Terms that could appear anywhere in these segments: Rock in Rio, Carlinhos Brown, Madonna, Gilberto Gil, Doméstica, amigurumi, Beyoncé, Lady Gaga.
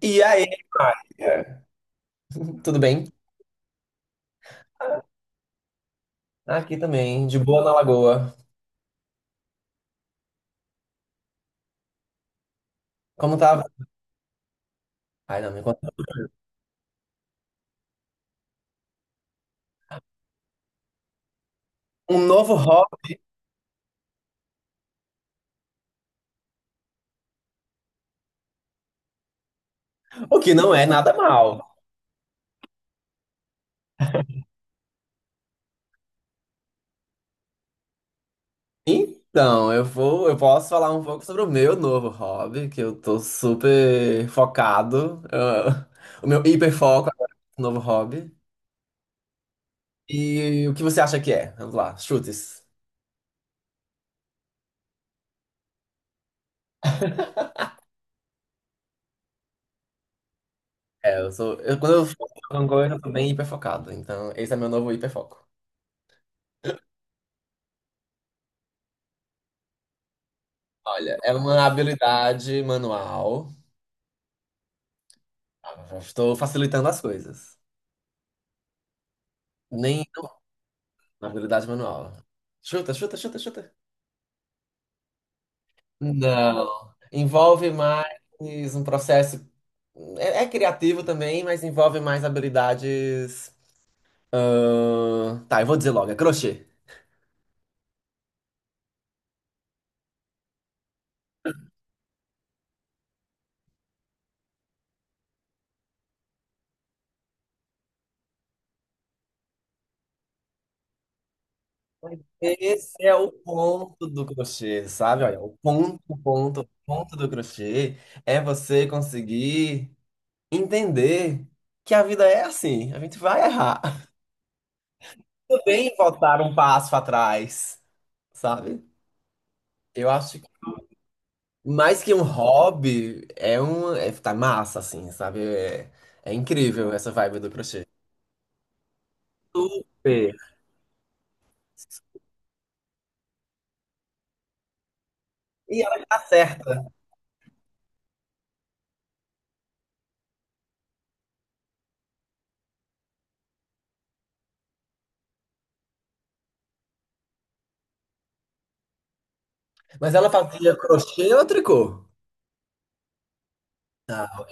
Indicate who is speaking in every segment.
Speaker 1: E aí, Maria? Tudo bem? Aqui também, de boa na lagoa. Como tava? Ai, não, me conta. Um novo hobby, o que não é nada mal. Então, eu posso falar um pouco sobre o meu novo hobby, que eu tô super focado. O meu hiperfoco agora, no novo hobby. E o que você acha que é? Vamos lá, chutes. É, quando eu foco em alguma coisa, eu tô bem hiperfocado. Então, esse é meu novo hiperfoco. Olha, é uma habilidade manual. Estou facilitando as coisas. Nem na habilidade manual. Chuta, chuta, chuta, chuta. Não. Envolve mais um processo. É criativo também, mas envolve mais habilidades. Tá, eu vou dizer logo, é crochê. Esse é o ponto do crochê, sabe? Olha, o ponto, o ponto, o ponto do crochê é você conseguir entender que a vida é assim, a gente vai errar. Tudo bem voltar um passo atrás, sabe? Eu acho que mais que um hobby, é um. É, tá massa, assim, sabe? É incrível essa vibe do crochê. Super. E ela tá certa. Mas ela fazia crochê ou tricô? Ah,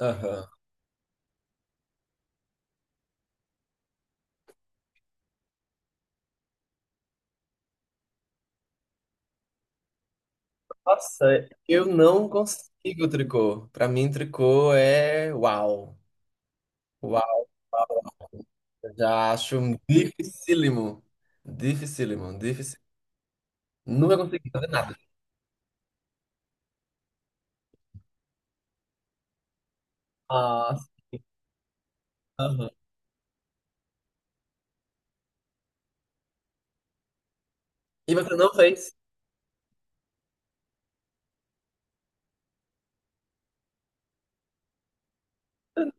Speaker 1: aham. Nossa, eu não consigo tricô. Pra mim, tricô é uau. Uau. Eu já acho dificílimo. Dificílimo, dificílimo. Nunca consegui. Nossa. Aham. E você não fez?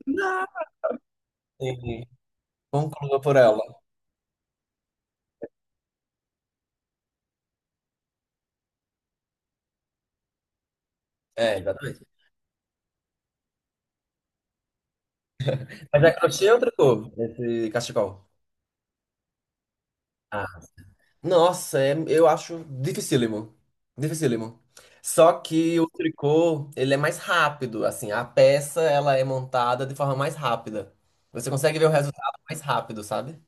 Speaker 1: Não. Entendi. Conclua por ela. É, exatamente. Mas é crochê ou tricô, esse cachecol? Ah. Nossa, eu acho dificílimo. Dificílimo. Só que o tricô, ele é mais rápido, assim, a peça, ela é montada de forma mais rápida. Você consegue ver o resultado mais rápido, sabe?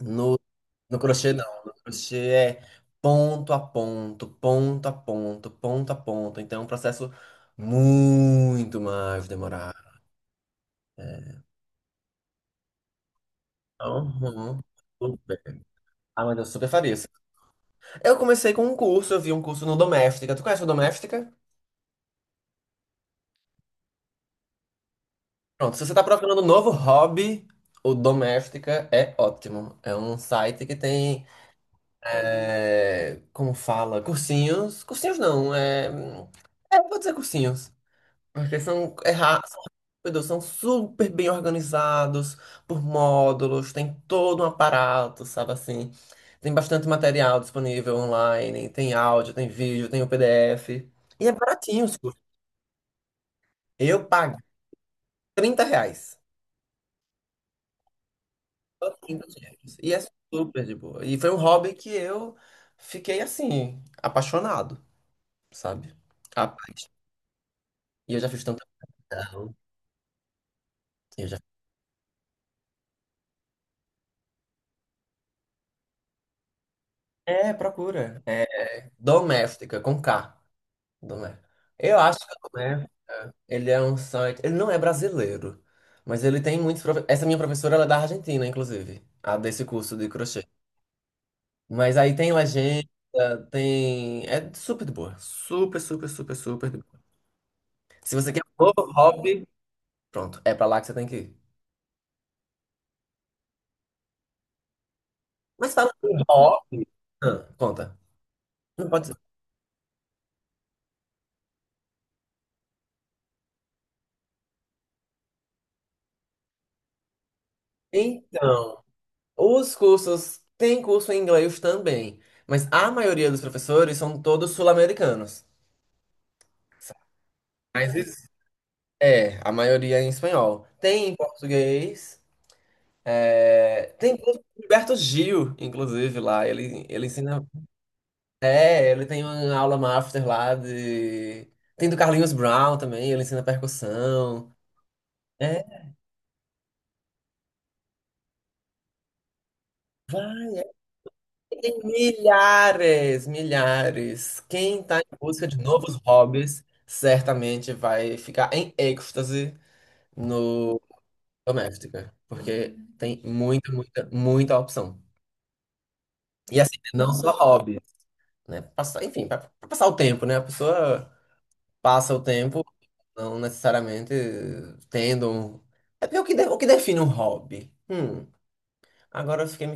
Speaker 1: No, no crochê, não. No crochê é ponto a ponto, ponto a ponto, ponto a ponto. Então é um processo muito mais demorado. Uhum. Super. Ah, mas eu super faria isso. Eu comecei com um curso, eu vi um curso no Doméstica. Tu conhece o Doméstica? Pronto, se você tá procurando um novo hobby, o Doméstica é ótimo. É um site que tem, como fala, cursinhos. Cursinhos não, eu vou dizer cursinhos. Porque são, meu Deus, são super bem organizados por módulos, tem todo um aparato, sabe assim? Tem bastante material disponível online, tem áudio, tem vídeo, tem o PDF. E é baratinho os cursos. Eu pago 30 reais. Só 30 reais. E é super de boa. E foi um hobby que eu fiquei assim, apaixonado, sabe? Rapaz. E eu já fiz tanta. Não, eu já... É, procura. É doméstica, com K. Domé- Eu acho que é. Ele é um site. Ele não é brasileiro, mas ele tem muitos. Essa minha professora, ela é da Argentina, inclusive, a desse curso de crochê. Mas aí tem legenda, tem. É super de boa. Super, super, super, super de boa. Se você quer um novo hobby, pronto, é pra lá que você tem que ir. Mas fala em hobby. Ah, conta. Não pode ser. Então, os cursos. Tem curso em inglês também, mas a maioria dos professores são todos sul-americanos. Mas existe É, a maioria é em espanhol. Tem em português. Tem curso do Gilberto Gil, inclusive, lá. Ele ensina. É, ele tem uma aula master lá de. Tem do Carlinhos Brown também, ele ensina percussão. É, vai, tem milhares, milhares. Quem tá em busca de novos hobbies certamente vai ficar em êxtase no Doméstica, porque tem muita, muita, muita opção. E assim, não só hobby, né? Passar, enfim, para passar o tempo, né? A pessoa passa o tempo, não necessariamente tendo. É porque o que define um hobby? Agora eu fiquei me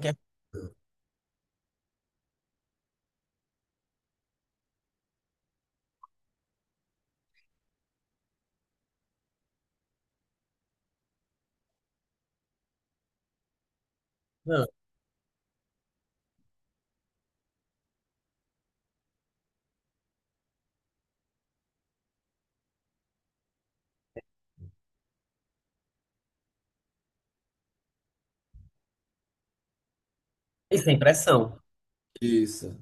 Speaker 1: questionando. E sem pressão. Isso.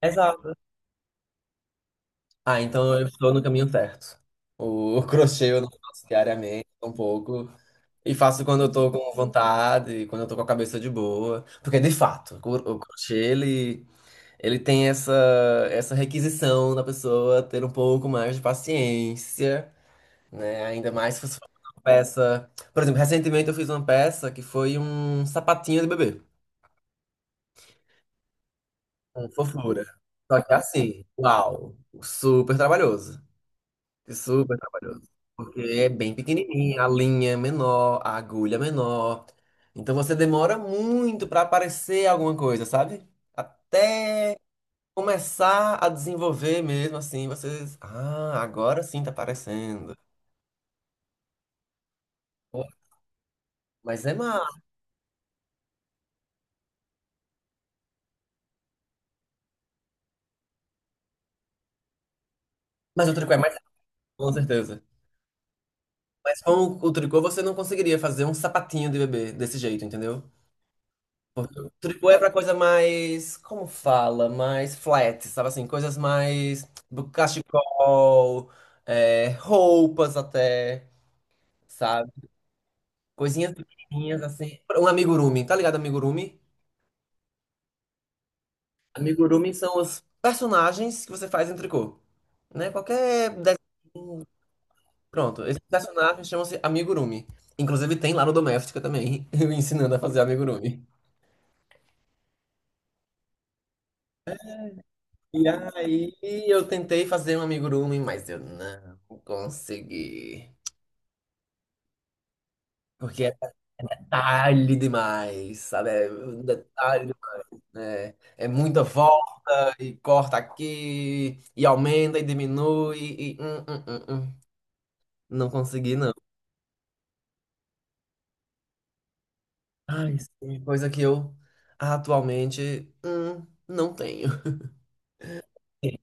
Speaker 1: Exato. Ah, então eu estou no caminho certo. O crochê eu não faço diariamente, um pouco. E faço quando eu tô com vontade, quando eu tô com a cabeça de boa. Porque, de fato, o crochê, ele tem essa requisição da pessoa ter um pouco mais de paciência, né? Ainda mais se você fosse uma peça. Por exemplo, recentemente eu fiz uma peça que foi um sapatinho de bebê, com fofura. Só que é assim, uau, super trabalhoso. Super trabalhoso. Porque é bem pequenininha, a linha é menor, a agulha é menor. Então você demora muito para aparecer alguma coisa, sabe? Até começar a desenvolver mesmo, assim, vocês. Ah, agora sim tá aparecendo. Pô, mas é massa. Mas o tricô é mais fácil, com certeza. Mas com o tricô você não conseguiria fazer um sapatinho de bebê desse jeito, entendeu? Porque o tricô é pra coisa mais. Como fala? Mais flat, sabe assim? Coisas mais. Do cachecol, roupas até, sabe? Coisinhas pequenininhas assim. Um amigurumi, tá ligado, amigurumi? Amigurumis são os personagens que você faz em tricô, né? Qualquer desenho. Pronto, esses personagens chamam-se amigurumi. Inclusive tem lá no Doméstica também, eu ensinando a fazer amigurumi. E aí eu tentei fazer um amigurumi, mas eu não consegui. Porque é detalhe demais, sabe? É um detalhe demais, né? É muita volta e corta aqui, e aumenta e diminui. Não consegui, não. Ai, sim, coisa que eu atualmente não tenho.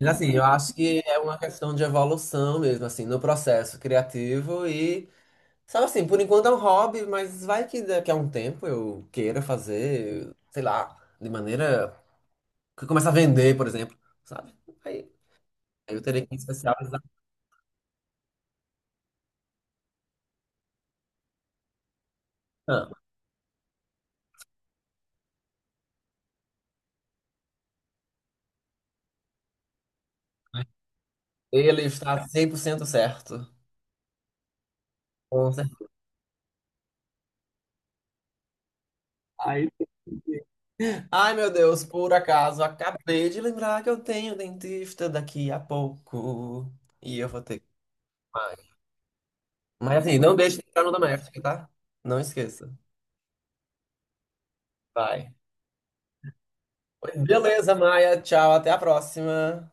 Speaker 1: Mas, assim, eu acho que é uma questão de evolução mesmo, assim, no processo criativo e, sabe assim, por enquanto é um hobby, mas vai que daqui a um tempo eu queira fazer, sei lá, de maneira que começa a vender, por exemplo, sabe? Aí aí eu teria que me especializar. Não, ele está 100% certo. Com certeza. Ai, meu Deus, por acaso, acabei de lembrar que eu tenho dentista daqui a pouco. E eu vou ter que. Vai. Mas assim, não deixe de entrar no doméstico, tá? Não esqueça. Vai. Beleza, Maia. Tchau, até a próxima.